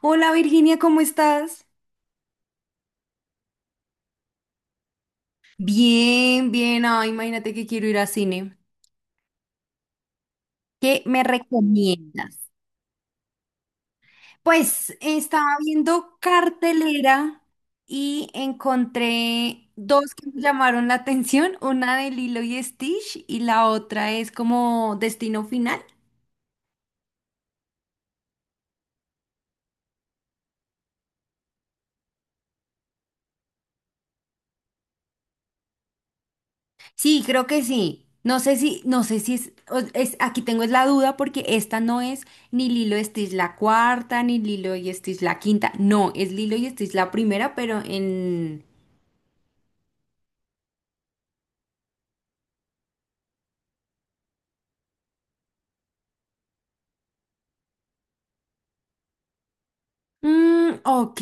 Hola Virginia, ¿cómo estás? Bien, bien. Ay, imagínate que quiero ir a cine. ¿Qué me recomiendas? Pues estaba viendo cartelera y encontré dos que me llamaron la atención, una de Lilo y Stitch y la otra es como Destino Final. Sí, creo que sí. No sé si, no sé si es, aquí tengo es la duda porque esta no es ni Lilo y Stitch la cuarta, ni Lilo y Stitch la quinta. No, es Lilo y Stitch la primera, pero en... ok.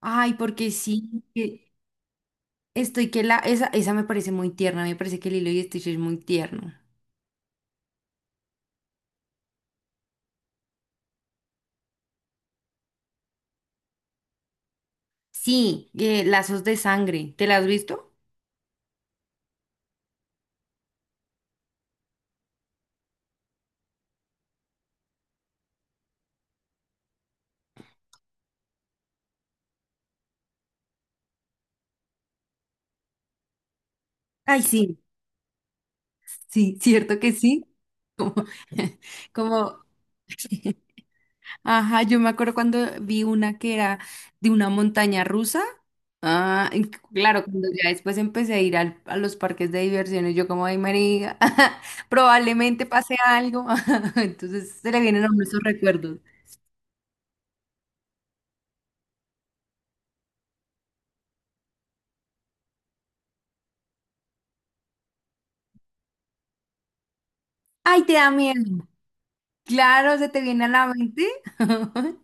Ay, porque sí, que estoy que la... Esa me parece muy tierna, me parece que Lilo y Stitch es muy tierno. Sí, lazos de sangre. ¿Te la has visto? Ay, sí, sí, cierto que sí. Como, como Ajá, yo me acuerdo cuando vi una que era de una montaña rusa. Ah, y claro, cuando ya después empecé a ir a los parques de diversiones, yo como, ay, María, probablemente pase algo. Entonces se le vienen a uno esos recuerdos. Ay, te da miedo. Claro, se te viene a la mente.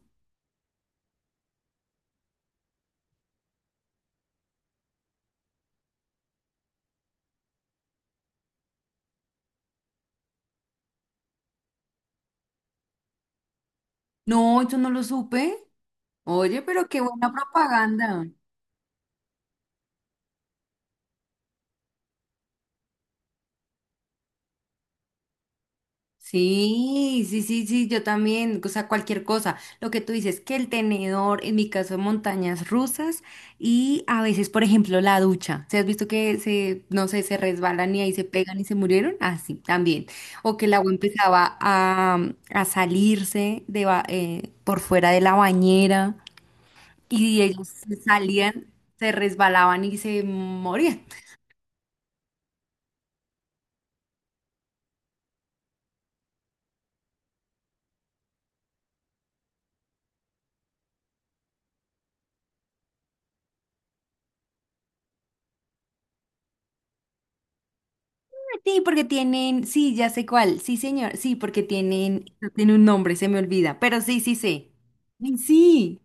No, yo no lo supe. Oye, pero qué buena propaganda. Sí, sí, sí, sí, yo también, o sea, cualquier cosa. Lo que tú dices, que el tenedor, en mi caso, montañas rusas y a veces, por ejemplo, la ducha. ¿Se has visto que se, no sé, se resbalan y ahí se pegan y se murieron? Así, también. O que el agua empezaba a, a salirse de, por fuera de la bañera y ellos se salían, se resbalaban y se morían. Sí, porque tienen, sí, ya sé cuál, sí, señor, sí, porque tienen, no tiene un nombre, se me olvida, pero sí, sí sé. Ay, sí,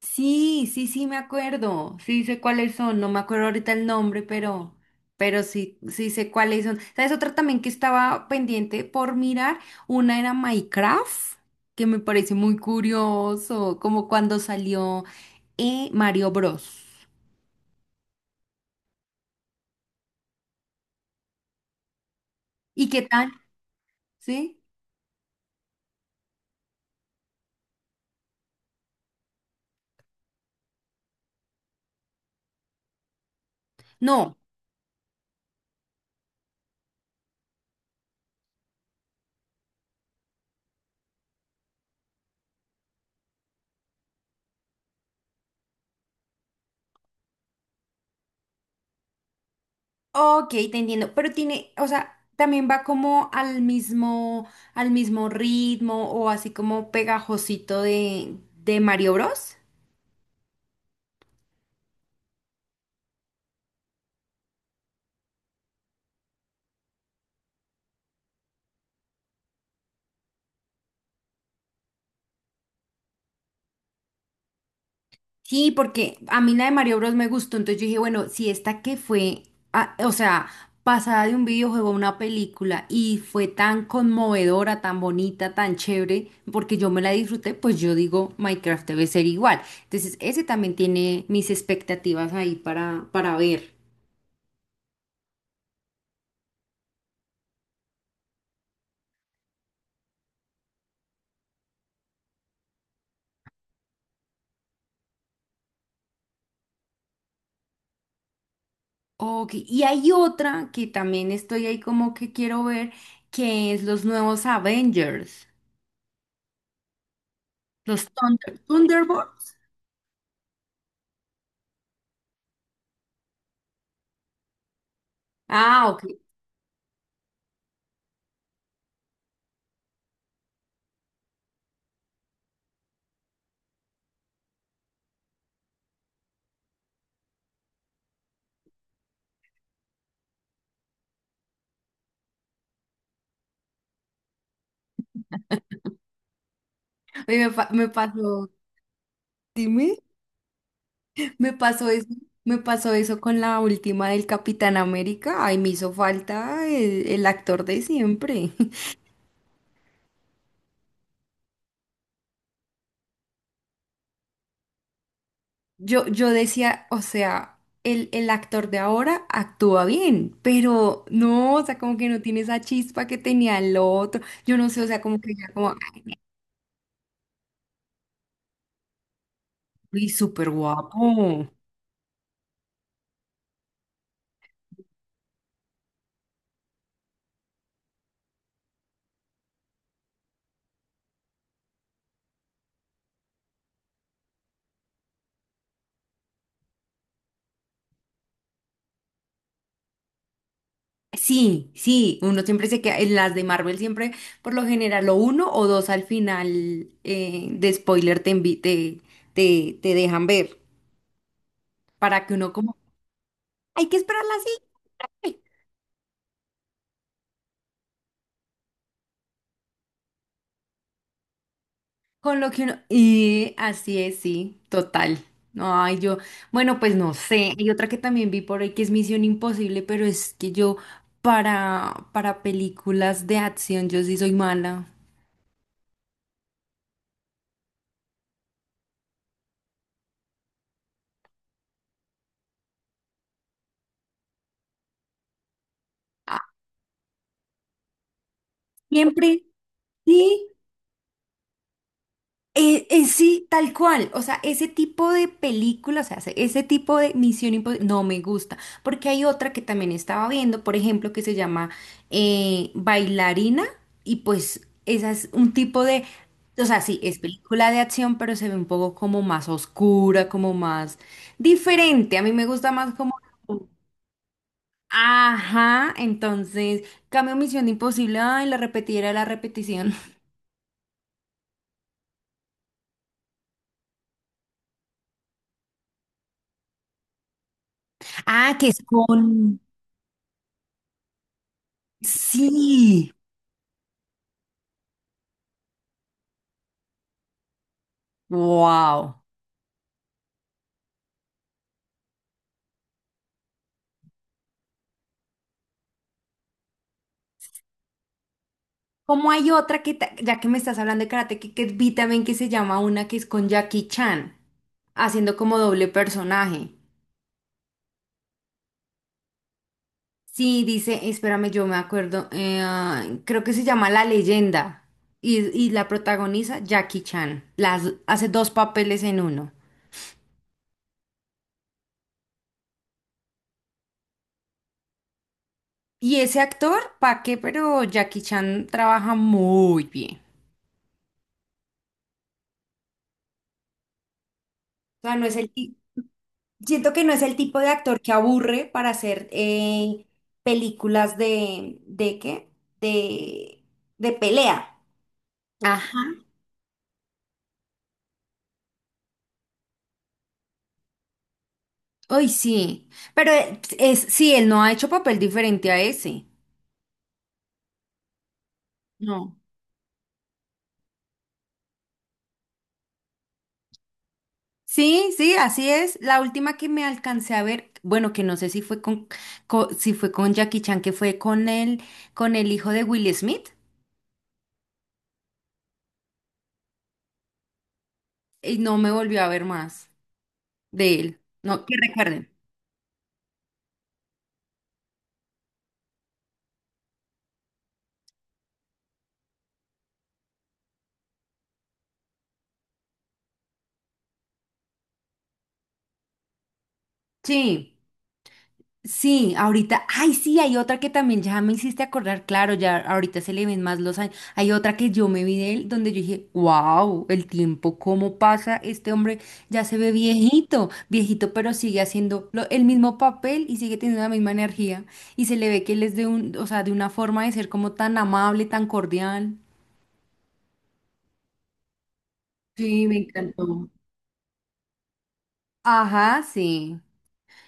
sí, sí, sí, me acuerdo, sí sé cuáles son, no me acuerdo ahorita el nombre, pero sí, sí sé cuáles son. ¿Sabes? Otra también que estaba pendiente por mirar, una era Minecraft, que me parece muy curioso, como cuando salió Mario Bros. ¿Y qué tal? ¿Sí? No. Ok, te entiendo, pero tiene, o sea, también va como al mismo ritmo o así como pegajosito de Mario Bros. Sí, porque a mí la de Mario Bros me gustó, entonces yo dije, bueno, si esta que fue, ah, o sea, pasada de un videojuego a una película y fue tan conmovedora, tan bonita, tan chévere, porque yo me la disfruté, pues yo digo, Minecraft debe ser igual. Entonces, ese también tiene mis expectativas ahí para ver. Ok, y hay otra que también estoy ahí como que quiero ver, que es los nuevos Avengers, los Thunderbolts. Ah, ok. Oye, me, me pasó, dime, me pasó eso, me pasó eso con la última del Capitán América. Ay, me hizo falta el actor de siempre. Yo decía, o sea, el actor de ahora actúa bien, pero no, o sea, como que no tiene esa chispa que tenía el otro. Yo no sé, o sea, como que ya como... Y súper guapo. Sí, sí, uno siempre se queda, en las de Marvel siempre, por lo general, o uno o dos al final de spoiler te, te, te, te dejan ver, para que uno como, hay que esperar la siguiente", con lo que uno, y así es, sí, total. Ay, yo, bueno, pues no sé, hay otra que también vi por ahí que es Misión Imposible, pero es que yo para películas de acción, yo sí soy mala. Ah, siempre, sí. Sí, tal cual. O sea, ese tipo de películas, o sea, ese tipo de Misión Imposible, no me gusta. Porque hay otra que también estaba viendo, por ejemplo, que se llama Bailarina. Y pues, esa es un tipo de. O sea, sí, es película de acción, pero se ve un poco como más oscura, como más diferente. A mí me gusta más como. Ajá, entonces, cambio Misión Imposible. Ay, la repetida, la repetición. Ah, que es con. Sí. Wow. ¿Cómo hay otra que, ya que me estás hablando de karate, que vi también que se llama una que es con Jackie Chan, haciendo como doble personaje? Sí, dice, espérame, yo me acuerdo, creo que se llama La Leyenda y la protagoniza Jackie Chan. Las, hace dos papeles en uno. Y ese actor, ¿pa' qué? Pero Jackie Chan trabaja muy bien. O sea, no es el, siento que no es el tipo de actor que aburre para hacer películas ¿de qué? De, de pelea. Ajá. Uy, sí. Pero es, sí, él no ha hecho papel diferente a ese. No. Sí, sí, así es. La última que me alcancé a ver, bueno, que no sé si fue con, si fue con Jackie Chan, que fue con él, con el hijo de Will Smith, y no me volvió a ver más de él. No, que recuerden. Sí. Sí, ahorita, ay, sí, hay otra que también ya me hiciste acordar, claro, ya ahorita se le ven más los años. Hay otra que yo me vi de él donde yo dije, wow, el tiempo, cómo pasa, este hombre ya se ve viejito, viejito, pero sigue haciendo el mismo papel y sigue teniendo la misma energía. Y se le ve que él es de un, o sea, de una forma de ser como tan amable, tan cordial. Sí, me encantó. Ajá, sí.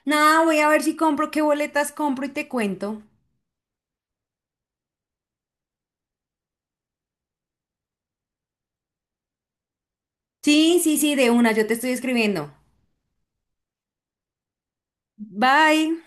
Nada, voy a ver si compro, qué boletas compro y te cuento. Sí, sí, sí, de una, yo te estoy escribiendo. Bye.